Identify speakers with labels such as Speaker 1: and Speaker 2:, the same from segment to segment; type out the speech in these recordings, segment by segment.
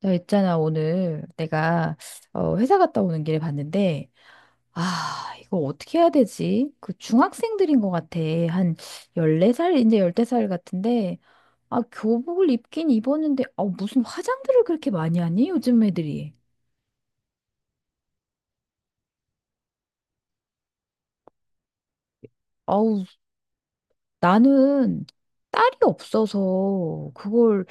Speaker 1: 나 있잖아, 오늘 내가 회사 갔다 오는 길에 봤는데, 아, 이거 어떻게 해야 되지? 그 중학생들인 것 같아. 한 14살, 이제 15살 같은데, 아, 교복을 입긴 입었는데, 아, 무슨 화장들을 그렇게 많이 하니? 요즘 애들이. 아우, 나는 딸이 없어서 그걸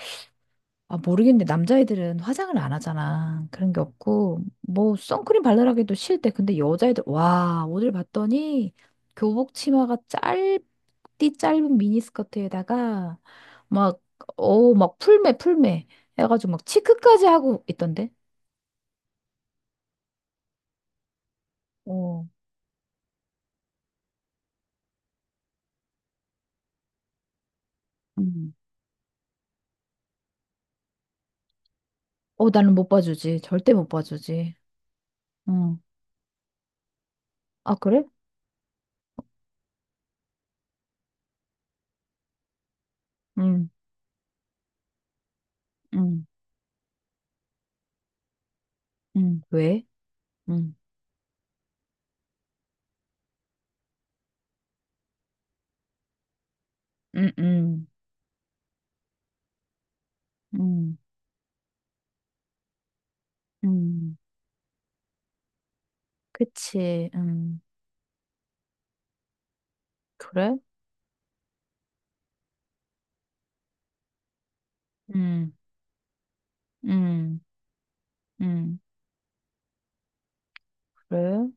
Speaker 1: 아, 모르겠는데 남자애들은 화장을 안 하잖아. 그런 게 없고 뭐 선크림 발라라기도 싫대. 근데 여자애들 와, 오늘 봤더니 교복 치마가 짧디 짧은 미니스커트에다가 막 막 풀매 풀매 해가지고 막 치크까지 하고 있던데. 어. 음. 어, 나는 못 봐주지. 절대 못 봐주지. 응. 아, 그래? 응. 응. 응, 왜? 응. 응, 응. 응. 응. 그치. 응. 그래? 음, 음, 음. 그래?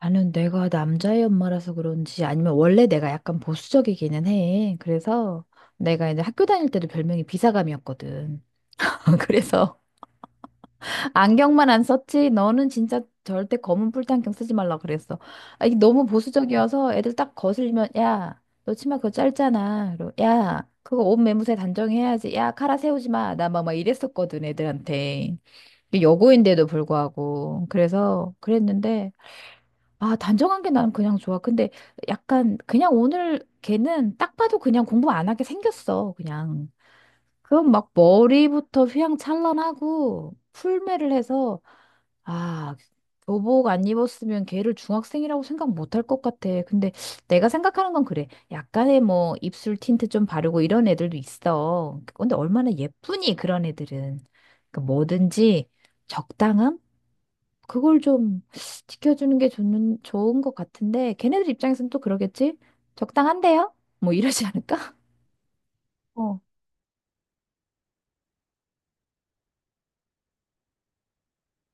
Speaker 1: 나는 내가 남자의 엄마라서 그런지 아니면 원래 내가 약간 보수적이기는 해. 그래서 내가 이제 학교 다닐 때도 별명이 비사감이었거든. 그래서 안경만 안 썼지. 너는 진짜 절대 검은 뿔테 안경 쓰지 말라 그랬어. 아, 이게 너무 보수적이어서 애들 딱 거슬리면 야, 너 치마 그거 짧잖아. 그리고 야, 그거 옷 매무새 단정해야지. 야, 카라 세우지 마. 나 막 이랬었거든, 애들한테. 여고인데도 불구하고 그래서 그랬는데 아, 단정한 게 나는 그냥 좋아. 근데 약간 그냥 오늘 걔는 딱 봐도 그냥 공부 안 하게 생겼어. 그냥 그럼 막 머리부터 휘황찬란하고 풀매를 해서 아, 교복 안 입었으면 걔를 중학생이라고 생각 못할 것 같아. 근데 내가 생각하는 건 그래. 약간의 뭐 입술 틴트 좀 바르고 이런 애들도 있어. 근데 얼마나 예쁘니 그런 애들은. 그러니까 뭐든지 적당함? 그걸 좀 지켜주는 게 좋는, 좋은 것 같은데, 걔네들 입장에서는 또 그러겠지? 적당한데요? 뭐 이러지 않을까? 어.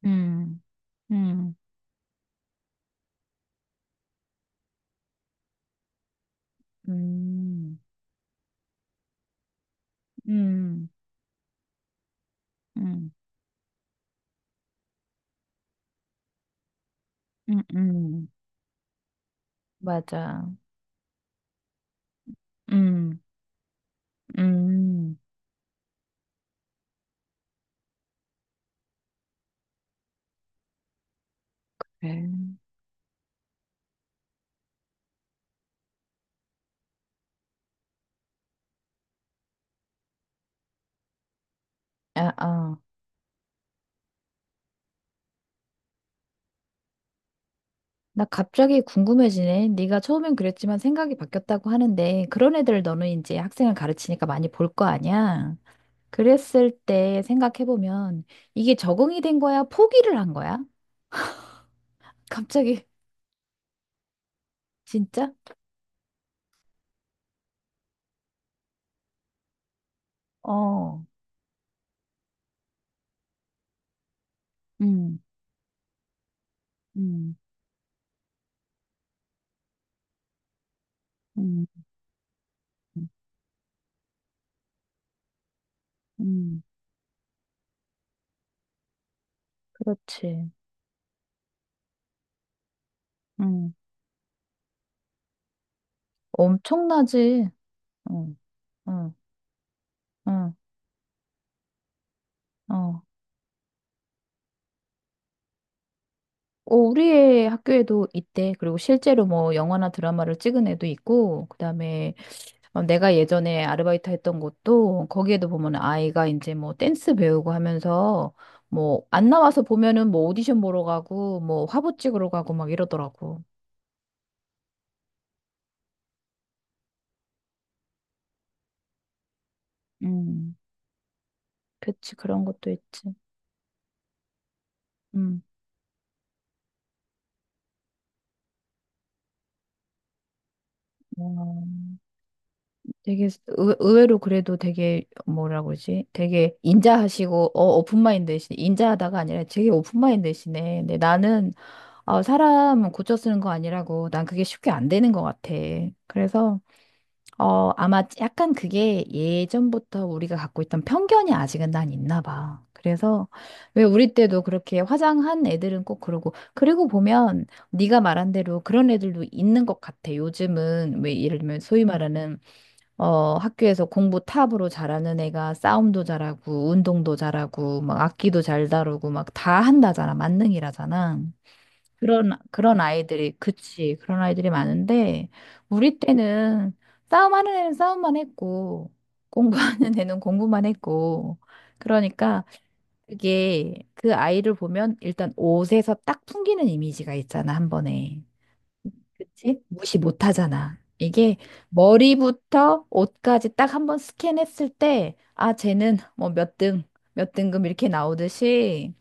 Speaker 1: 음, 음, 음, 음, 음, 음, 음, 맞아. 음, 음. 그래. 아, 아. 나 갑자기 궁금해지네. 네가 처음엔 그랬지만 생각이 바뀌었다고 하는데, 그런 애들 너는 이제 학생을 가르치니까 많이 볼 거 아니야? 그랬을 때 생각해보면, 이게 적응이 된 거야? 포기를 한 거야? 갑자기 진짜? 어, 음, 음, 음, 음, 음, 그렇지. 음, 엄청나지. 응, 응, 응, 어. 어, 우리의 학교에도 있대. 그리고 실제로 뭐 영화나 드라마를 찍은 애도 있고, 그다음에 어, 내가 예전에 아르바이트 했던 곳도 거기에도 보면 아이가 이제 뭐 댄스 배우고 하면서 뭐 안 나와서 보면은 뭐 오디션 보러 가고 뭐 화보 찍으러 가고 막 이러더라고. 음, 그치. 그런 것도 있지. 음. 어, 되게 의외로 그래도 되게 뭐라 그러지? 되게 인자하시고 어 오픈마인드이시 인자하다가 아니라 되게 오픈마인드시네. 근데 나는 어, 사람 고쳐 쓰는 거 아니라고 난 그게 쉽게 안 되는 것 같아. 그래서 어, 아마 약간 그게 예전부터 우리가 갖고 있던 편견이 아직은 난 있나 봐. 그래서 왜 우리 때도 그렇게 화장한 애들은 꼭 그러고 그리고 보면 네가 말한 대로 그런 애들도 있는 것 같아. 요즘은 왜 예를 들면 소위 말하는 어, 학교에서 공부 탑으로 잘하는 애가 싸움도 잘하고 운동도 잘하고 막 악기도 잘 다루고 막 다 한다잖아. 만능이라잖아. 그런 아이들이, 그치, 그런 아이들이 많은데, 우리 때는 싸움하는 애는 싸움만 했고, 공부하는 애는 공부만 했고, 그러니까 그게 그 아이를 보면 일단 옷에서 딱 풍기는 이미지가 있잖아, 한 번에. 그치? 무시 못 하잖아. 이게 머리부터 옷까지 딱 한 번 스캔했을 때, 아, 쟤는 뭐 몇 등, 몇 등급 이렇게 나오듯이,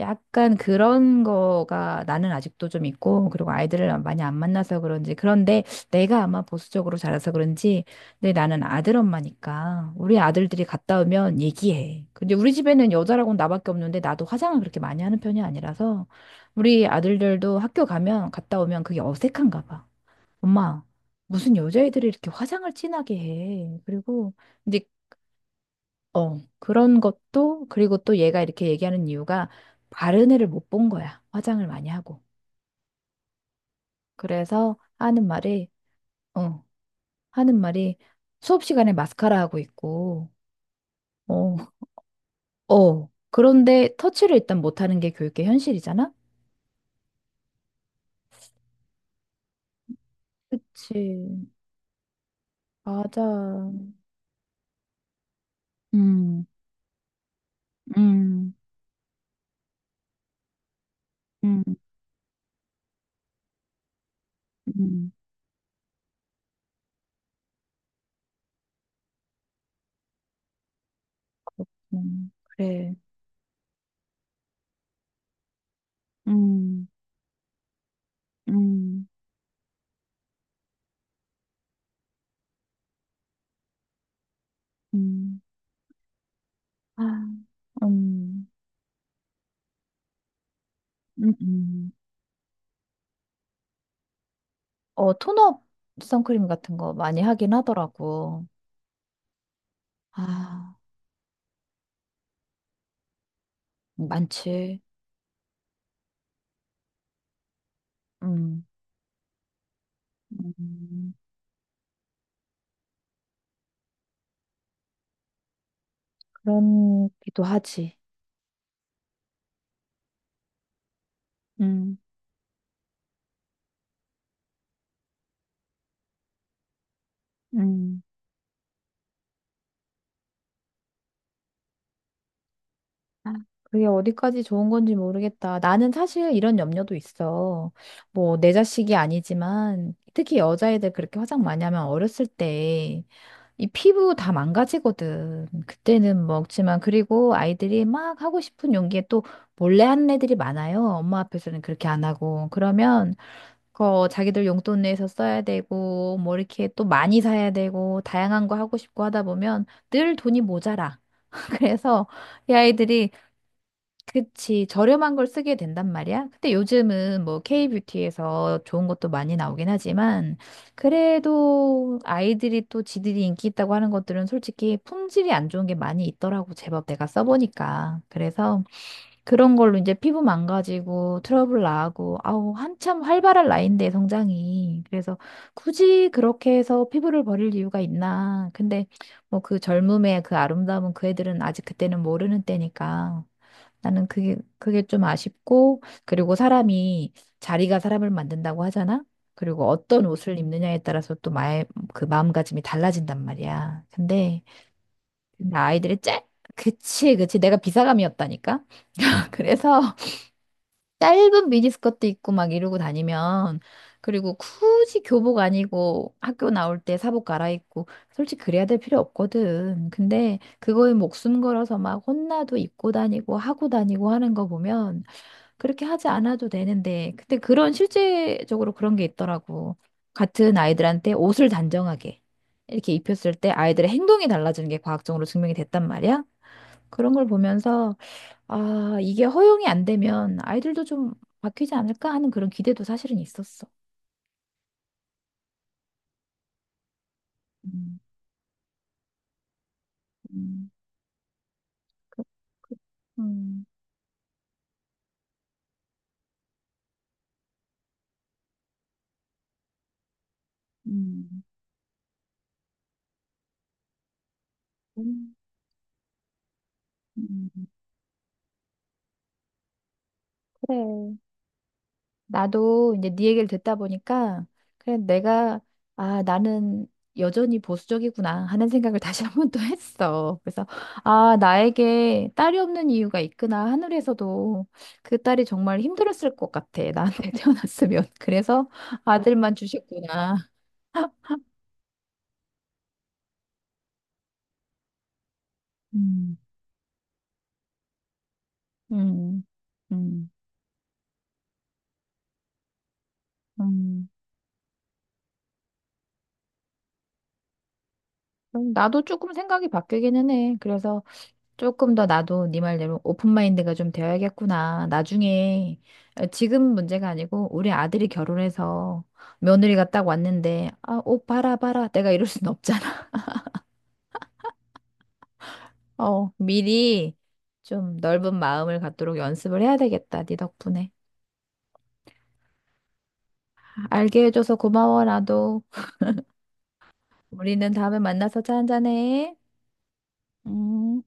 Speaker 1: 약간 그런 거가 나는 아직도 좀 있고, 그리고 아이들을 많이 안 만나서 그런지, 그런데 내가 아마 보수적으로 자라서 그런지, 근데 나는 아들 엄마니까, 우리 아들들이 갔다 오면 얘기해. 근데 우리 집에는 여자라고는 나밖에 없는데, 나도 화장을 그렇게 많이 하는 편이 아니라서, 우리 아들들도 학교 가면, 갔다 오면 그게 어색한가 봐. 엄마, 무슨 여자애들이 이렇게 화장을 진하게 해. 그리고, 이제 어, 그런 것도, 그리고 또 얘가 이렇게 얘기하는 이유가 바른 애를 못 본 거야. 화장을 많이 하고. 그래서 하는 말이, 어, 하는 말이 수업 시간에 마스카라 하고 있고, 어, 어. 그런데 터치를 일단 못 하는 게 교육의 현실이잖아? 그치, 맞아. 음, 음, 음, 음, 그렇군 그래. 음, 음, 음. 아, 음, 음, 음. 어, 톤업 선크림 같은 거 많이 하긴 하더라고. 아, 많지. 음, 음, 그런기도 하지. 음, 음, 아, 그게 어디까지 좋은 건지 모르겠다. 나는 사실 이런 염려도 있어. 뭐, 내 자식이 아니지만, 특히 여자애들 그렇게 화장 많이 하면 어렸을 때 이 피부 다 망가지거든. 그때는 먹지만, 그리고 아이들이 막 하고 싶은 용기에 또 몰래 하는 애들이 많아요. 엄마 앞에서는 그렇게 안 하고. 그러면, 그 자기들 용돈 내서 써야 되고, 뭐 이렇게 또 많이 사야 되고, 다양한 거 하고 싶고 하다 보면 늘 돈이 모자라. 그래서 이 아이들이 그치, 저렴한 걸 쓰게 된단 말이야. 근데 요즘은 뭐 K뷰티에서 좋은 것도 많이 나오긴 하지만, 그래도 아이들이 또 지들이 인기 있다고 하는 것들은 솔직히 품질이 안 좋은 게 많이 있더라고, 제법 내가 써보니까. 그래서 그런 걸로 이제 피부 망가지고 트러블 나고, 아우, 한참 활발한 나이인데, 성장이. 그래서 굳이 그렇게 해서 피부를 버릴 이유가 있나. 근데 뭐 그 젊음의 그 아름다움은 그 애들은 아직 그때는 모르는 때니까. 나는 그게 좀 아쉽고, 그리고 사람이, 자리가 사람을 만든다고 하잖아? 그리고 어떤 옷을 입느냐에 따라서 또 마의, 그 마음가짐이 달라진단 말이야. 근데, 근데 아이들이 짧, 그치. 내가 비사감이었다니까? 그래서 짧은 미니스커트 입고 막 이러고 다니면, 그리고 굳이 교복 아니고 학교 나올 때 사복 갈아입고, 솔직히 그래야 될 필요 없거든. 근데 그거에 목숨 걸어서 막 혼나도 입고 다니고 하고 다니고 하는 거 보면, 그렇게 하지 않아도 되는데, 근데 그런 실제적으로 그런 게 있더라고. 같은 아이들한테 옷을 단정하게 이렇게 입혔을 때 아이들의 행동이 달라지는 게 과학적으로 증명이 됐단 말이야. 그런 걸 보면서, 아, 이게 허용이 안 되면 아이들도 좀 바뀌지 않을까 하는 그런 기대도 사실은 있었어. 음, 음, 그, 그, 음, 음, 음, 음. 그래. 나도 이제 네 얘기를 듣다 보니까 그래 내가 아, 나는 여전히 보수적이구나 하는 생각을 다시 한 번 또 했어. 그래서 아, 나에게 딸이 없는 이유가 있구나. 하늘에서도 그 딸이 정말 힘들었을 것 같아 나한테 태어났으면. 그래서 아들만 주셨구나. 음, 음, 음, 음. 그럼 나도 조금 생각이 바뀌기는 해. 그래서 조금 더 나도 네 말대로 오픈마인드가 좀 되어야겠구나. 나중에 어, 지금 문제가 아니고 우리 아들이 결혼해서 며느리가 딱 왔는데 아, 옷 봐라 봐라 내가 이럴 순 없잖아. 어, 미리 좀 넓은 마음을 갖도록 연습을 해야 되겠다. 네 덕분에. 알게 해줘서 고마워 나도. 우리는 다음에 만나서 차 한잔해. 음.